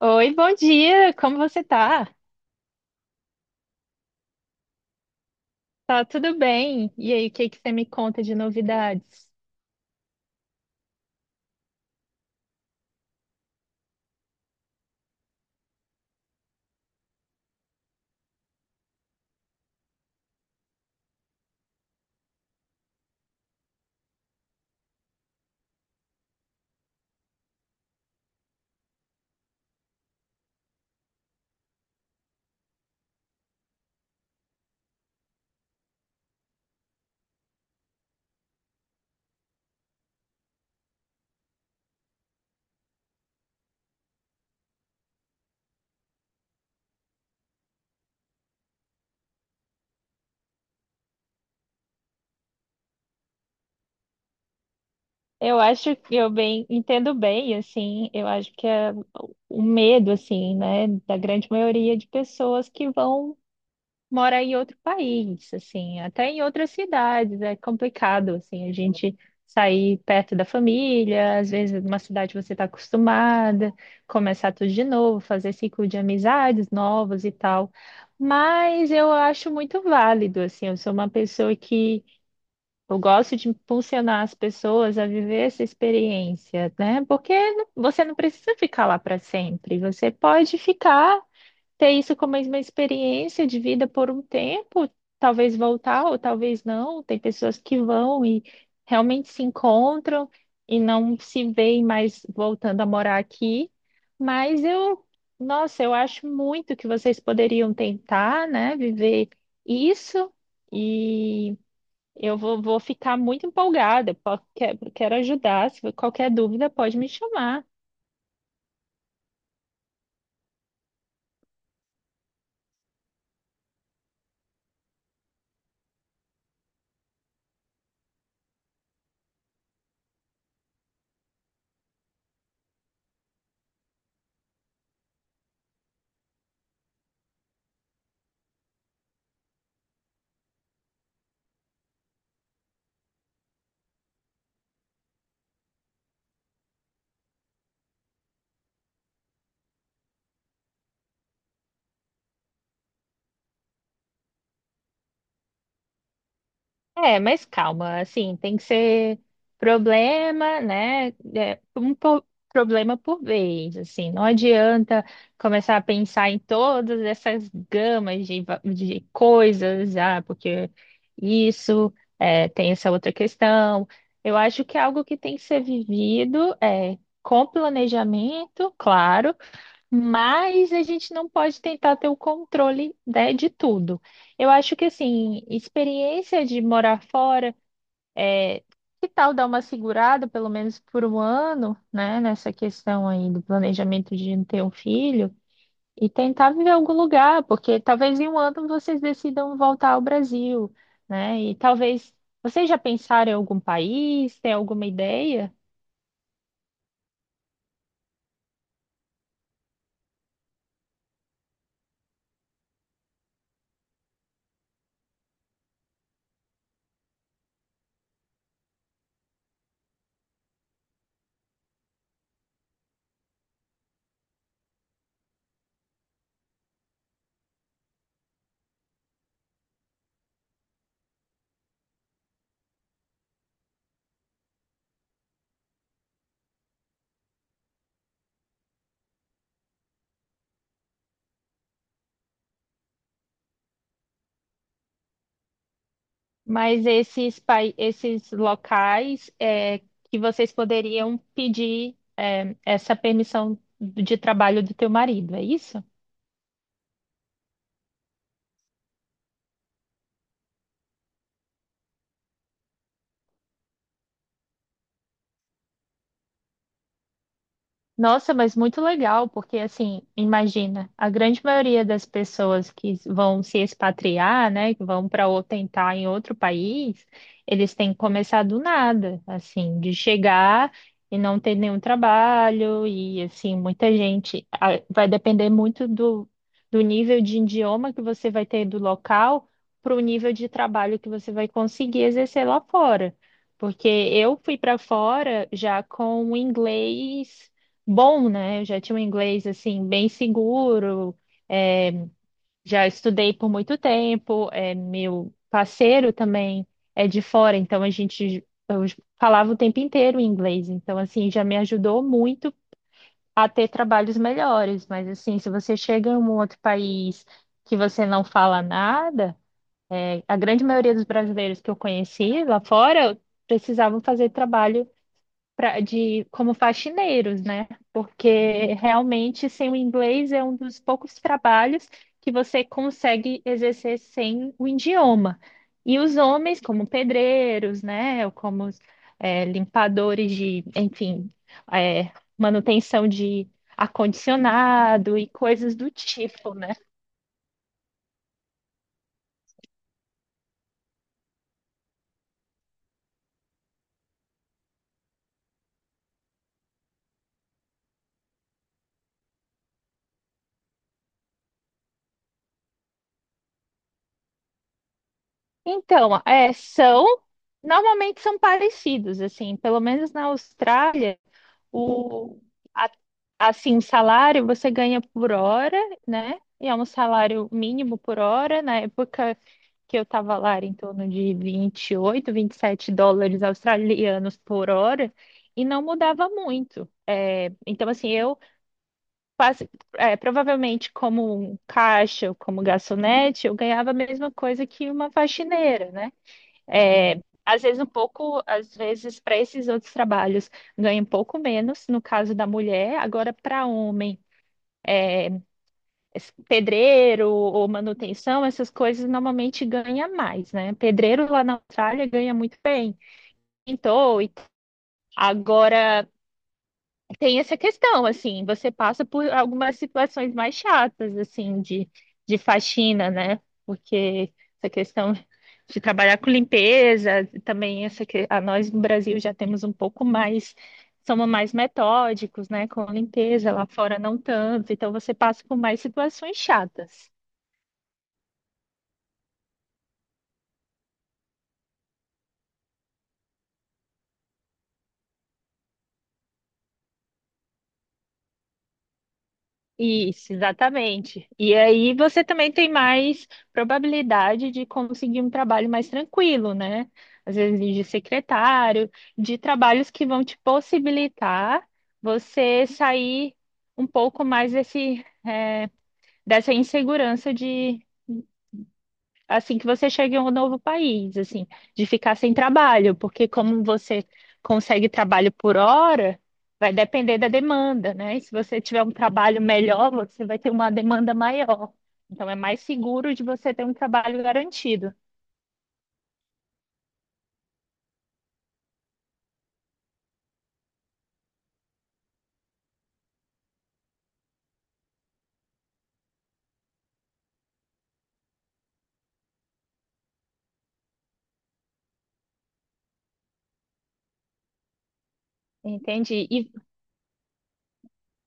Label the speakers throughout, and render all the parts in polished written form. Speaker 1: Oi, bom dia, como você tá? Tá tudo bem? E aí, o que que você me conta de novidades? Eu acho que eu bem entendo bem, assim, eu acho que é o medo, assim, né, da grande maioria de pessoas que vão mora em outro país, assim, até em outras cidades, é complicado, assim, a gente sair perto da família, às vezes numa cidade você está acostumada, começar tudo de novo, fazer ciclo de amizades novas e tal. Mas eu acho muito válido, assim, eu sou uma pessoa que eu gosto de impulsionar as pessoas a viver essa experiência, né? Porque você não precisa ficar lá para sempre, você pode ficar ter isso como uma experiência de vida por um tempo, talvez voltar ou talvez não. Tem pessoas que vão e realmente se encontram e não se veem mais voltando a morar aqui. Mas eu, nossa, eu acho muito que vocês poderiam tentar, né, viver isso e eu vou ficar muito empolgada. Quero ajudar. Se qualquer dúvida, pode me chamar. É, mas calma, assim, tem que ser problema, né? é, um problema por vez, assim, não adianta começar a pensar em todas essas gamas de, de coisas, ah, porque isso, é, tem essa outra questão. Eu acho que é algo que tem que ser vivido, é, com planejamento, claro mas a gente não pode tentar ter o controle, né, de tudo. Eu acho que, assim, experiência de morar fora, que tal dar uma segurada, pelo menos por um ano, né, nessa questão aí do planejamento de não ter um filho, e tentar viver em algum lugar, porque talvez em um ano vocês decidam voltar ao Brasil, né, e talvez vocês já pensaram em algum país, tem alguma ideia? Mas esses, esses locais é, que vocês poderiam pedir é, essa permissão de trabalho do teu marido, é isso? Nossa, mas muito legal, porque assim, imagina, a grande maioria das pessoas que vão se expatriar, né, que vão para ou tentar em outro país, eles têm que começar do nada, assim, de chegar e não ter nenhum trabalho e assim, muita gente ah, vai depender muito do, do nível de idioma que você vai ter do local para o nível de trabalho que você vai conseguir exercer lá fora. Porque eu fui para fora já com o inglês bom, né? Eu já tinha um inglês assim bem seguro, já estudei por muito tempo, é, meu parceiro também é de fora, então a gente eu falava o tempo inteiro inglês, então assim já me ajudou muito a ter trabalhos melhores, mas assim, se você chega em um outro país que você não fala nada, é, a grande maioria dos brasileiros que eu conheci lá fora precisavam fazer trabalho pra, de como faxineiros, né? Porque realmente sem o inglês é um dos poucos trabalhos que você consegue exercer sem o idioma. E os homens, como pedreiros, né? Ou como é, limpadores de, enfim, é, manutenção de ar-condicionado e coisas do tipo, né? Então, é, são, normalmente são parecidos, assim, pelo menos na Austrália. O, a- assim, o salário você ganha por hora, né? E é um salário mínimo por hora. Na época que eu estava lá, era em torno de 20 28 27 dólares australianos por hora, e não mudava muito. Então, assim, eu quase, é, provavelmente como um caixa, ou como garçonete, eu ganhava a mesma coisa que uma faxineira, né? É, às vezes um pouco, às vezes para esses outros trabalhos ganha um pouco menos, no caso da mulher, agora para homem, pedreiro ou manutenção, essas coisas normalmente ganha mais, né? Pedreiro lá na Austrália ganha muito bem, pintor, agora tem essa questão, assim, você passa por algumas situações mais chatas, assim, de faxina, né? Porque essa questão de trabalhar com limpeza, também essa que a nós no Brasil já temos um pouco mais, somos mais metódicos, né, com a limpeza, lá fora não tanto, então você passa por mais situações chatas. Isso, exatamente. E aí você também tem mais probabilidade de conseguir um trabalho mais tranquilo, né? Às vezes de secretário, de trabalhos que vão te possibilitar você sair um pouco mais desse, dessa insegurança assim que você chega em um novo país, assim, de ficar sem trabalho, porque como você consegue trabalho por hora, vai depender da demanda, né? E se você tiver um trabalho melhor, você vai ter uma demanda maior. Então é mais seguro de você ter um trabalho garantido. Entendi. E,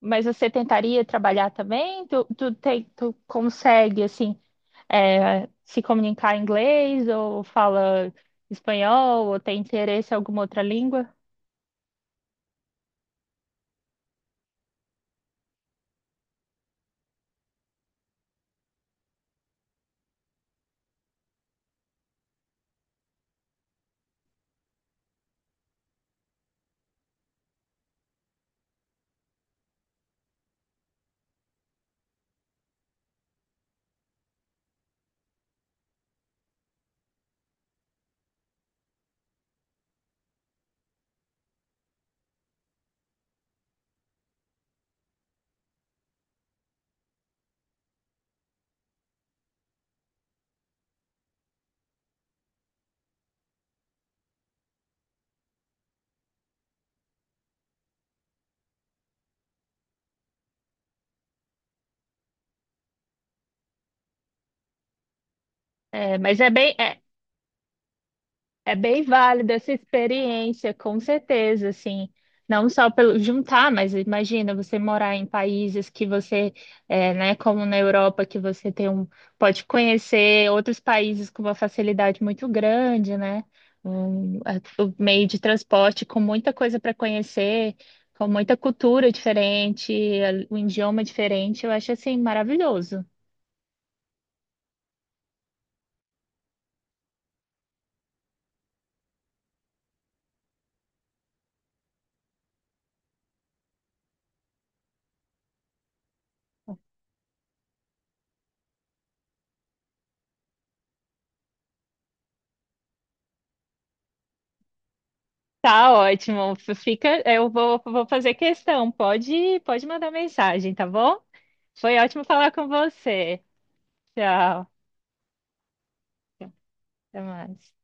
Speaker 1: mas você tentaria trabalhar também? Tu consegue, assim, é, se comunicar em inglês ou fala espanhol ou tem interesse em alguma outra língua? É, mas é bem, é, É bem válida essa experiência, com certeza, assim, não só pelo juntar, mas imagina você morar em países que você, é, né, como na Europa, que você tem um, pode conhecer outros países com uma facilidade muito grande, né? Um, o meio de transporte com muita coisa para conhecer, com muita cultura diferente, um idioma diferente, eu acho assim maravilhoso. Tá ótimo. Fica, eu vou fazer questão. Pode mandar mensagem, tá bom? Foi ótimo falar com você. Tchau. Até mais.